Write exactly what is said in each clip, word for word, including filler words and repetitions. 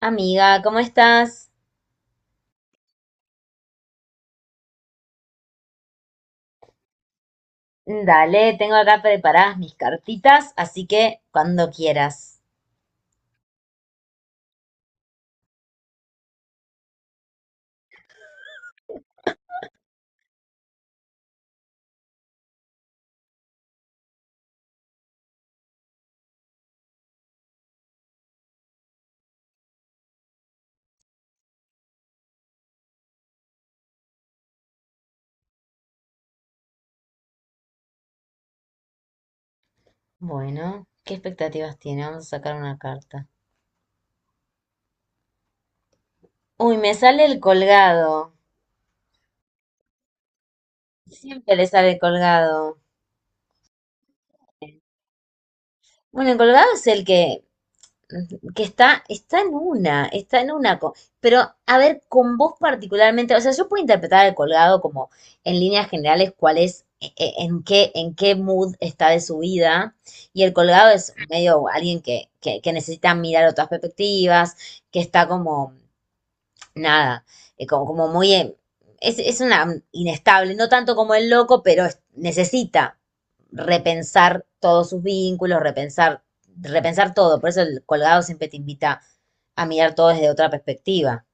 Amiga, ¿cómo estás? Dale, tengo acá preparadas mis cartitas, así que cuando quieras. Bueno, ¿qué expectativas tiene? Vamos a sacar una carta. Uy, me sale el colgado. Siempre le sale el colgado. Bueno, el colgado es el que que está, está en una, está en una, co- pero a ver, con vos particularmente, o sea, yo puedo interpretar el colgado como en líneas generales cuál es, e- e- en qué, en qué mood está de su vida, y el colgado es medio alguien que, que, que necesita mirar otras perspectivas, que está como nada, eh, como, como muy, eh, es, es una inestable, no tanto como el loco, pero es- necesita repensar todos sus vínculos, repensar, repensar todo. Por eso el colgado siempre te invita a mirar todo desde otra perspectiva.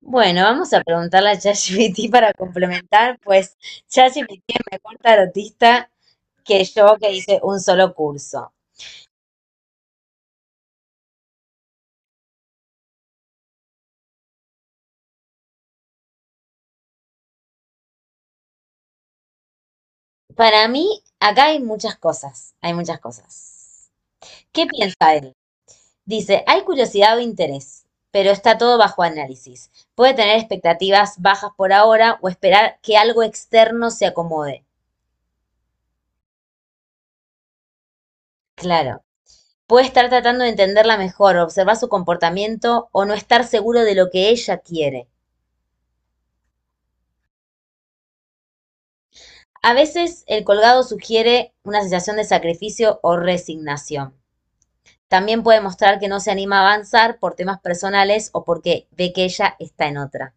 Bueno, vamos a preguntarle a ChatGPT para complementar, pues ChatGPT es mejor tarotista que yo, que hice un solo curso. Para mí, acá hay muchas cosas, hay muchas cosas. ¿Qué piensa él? Dice, hay curiosidad o interés, pero está todo bajo análisis. Puede tener expectativas bajas por ahora o esperar que algo externo se acomode. Claro. Puede estar tratando de entenderla mejor, observar su comportamiento o no estar seguro de lo que ella quiere. A veces el colgado sugiere una sensación de sacrificio o resignación. También puede mostrar que no se anima a avanzar por temas personales o porque ve que ella está en otra.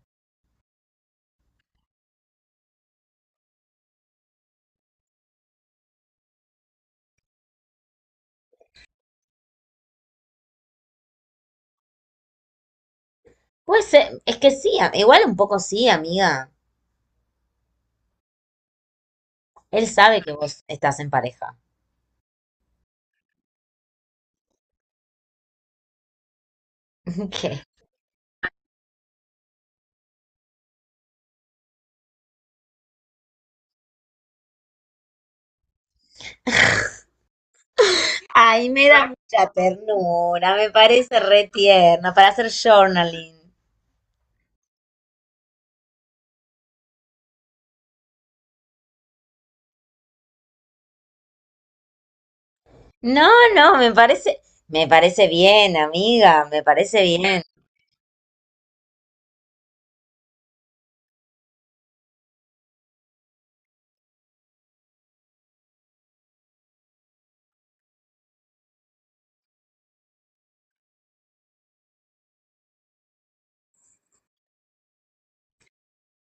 Puede ser, es que sí, igual un poco sí, amiga. Él sabe que vos estás en pareja. ¿Qué? Ay, me da mucha ternura, me parece re tierno para hacer journaling. No, no, me parece, me parece bien, amiga, me parece bien.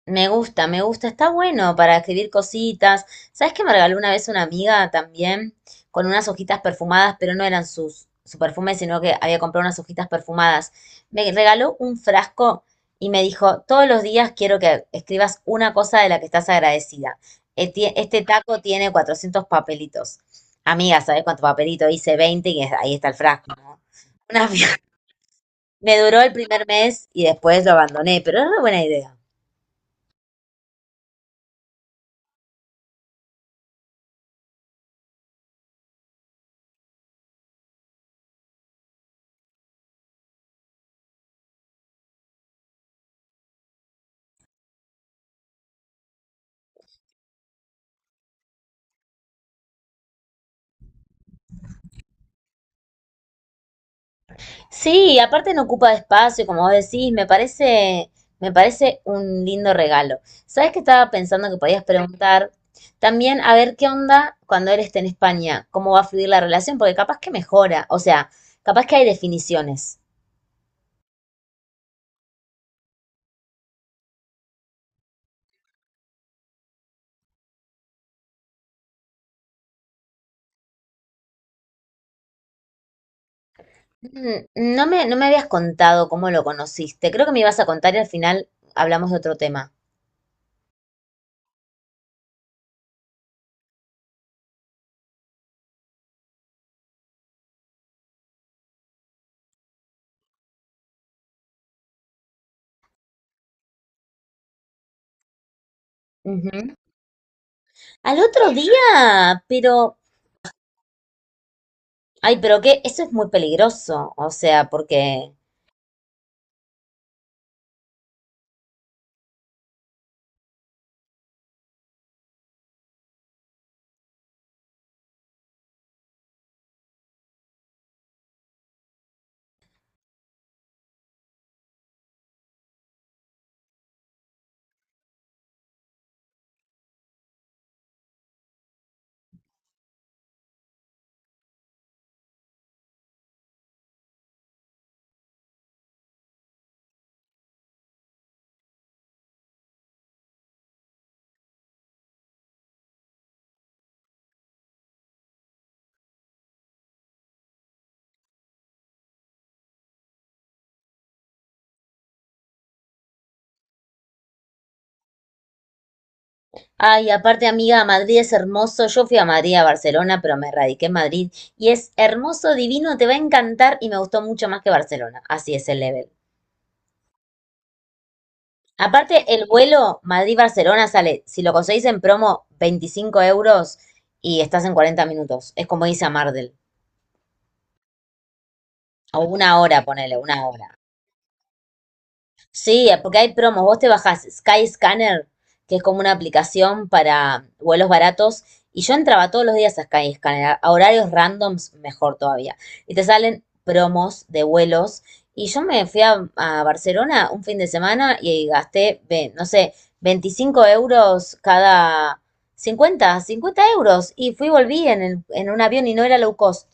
Me gusta, me gusta, está bueno para escribir cositas. ¿Sabes que me regaló una vez una amiga también con unas hojitas perfumadas, pero no eran sus su perfume, sino que había comprado unas hojitas perfumadas? Me regaló un frasco y me dijo, todos los días quiero que escribas una cosa de la que estás agradecida. Este, este taco tiene cuatrocientos papelitos. Amiga, ¿sabes cuánto papelito? Hice veinte y es- ahí está el frasco, ¿no? Una- fia- me duró el primer mes y después lo abandoné, pero es una buena idea. Sí, aparte no ocupa espacio, como vos decís, me parece, me parece un lindo regalo. ¿Sabes qué estaba pensando que podías preguntar? También, a ver qué onda cuando él esté en España, cómo va a fluir la relación, porque capaz que mejora, o sea, capaz que hay definiciones. Mm. No me, no me habías contado cómo lo conociste, creo que me ibas a contar y al final hablamos de otro tema. Ujú. Al otro día, pero ay, pero qué, eso es muy peligroso, o sea, porque... Ay, aparte, amiga, Madrid es hermoso. Yo fui a Madrid, a Barcelona, pero me radiqué en Madrid. Y es hermoso, divino, te va a encantar y me gustó mucho más que Barcelona. Así es el level. Aparte, el vuelo Madrid-Barcelona sale, si lo conseguís en promo, veinticinco euros, y estás en cuarenta minutos. Es como irse a Mardel. O una hora, ponele, una hora. Sí, porque hay promos. Vos te bajás Skyscanner, que es como una aplicación para vuelos baratos, y yo entraba todos los días a Skyscanner, a a horarios randoms, mejor todavía. Y te salen promos de vuelos. Y yo me fui a, a Barcelona un fin de semana y gasté, ve, no sé, veinticinco euros cada cincuenta, cincuenta euros. Y fui y volví en, el- en un avión y no era low cost.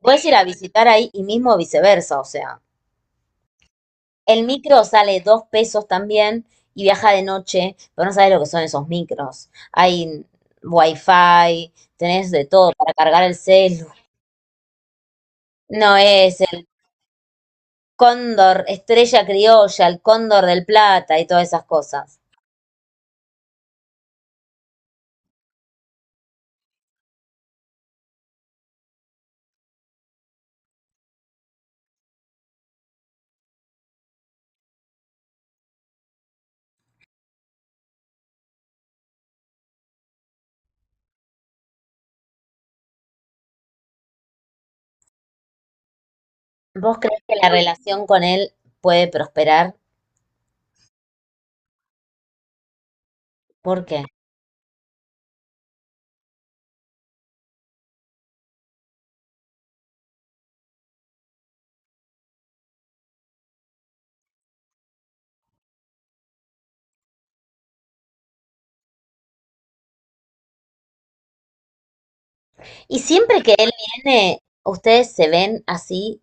Puedes ir a visitar ahí y mismo viceversa, o sea. El micro sale dos pesos también, y viaja de noche, pero no sabes lo que son esos micros. Hay wifi, tenés de todo para cargar el celu. No es el cóndor, estrella criolla, el cóndor del plata y todas esas cosas. ¿Vos crees que la relación con él puede prosperar? ¿Por qué? Y siempre que él viene, ustedes se ven así.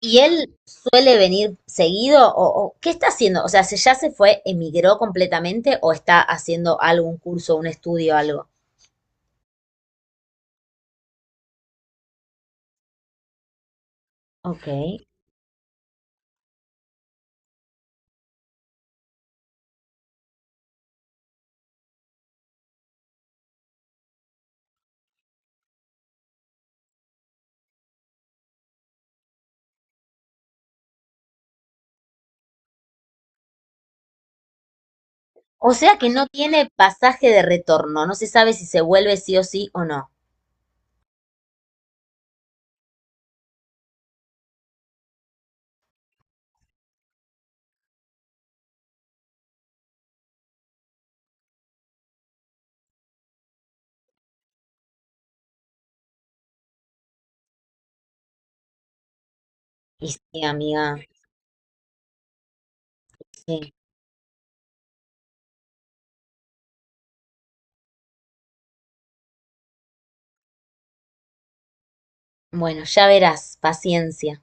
¿Y él suele venir seguido o, o qué está haciendo? O sea, ¿se ya se fue, emigró completamente o está haciendo algún curso, un estudio, algo? Ok. O sea que no tiene pasaje de retorno, no se sabe si se vuelve sí o sí o no. Y sí, amiga, sí. Bueno, ya verás, paciencia.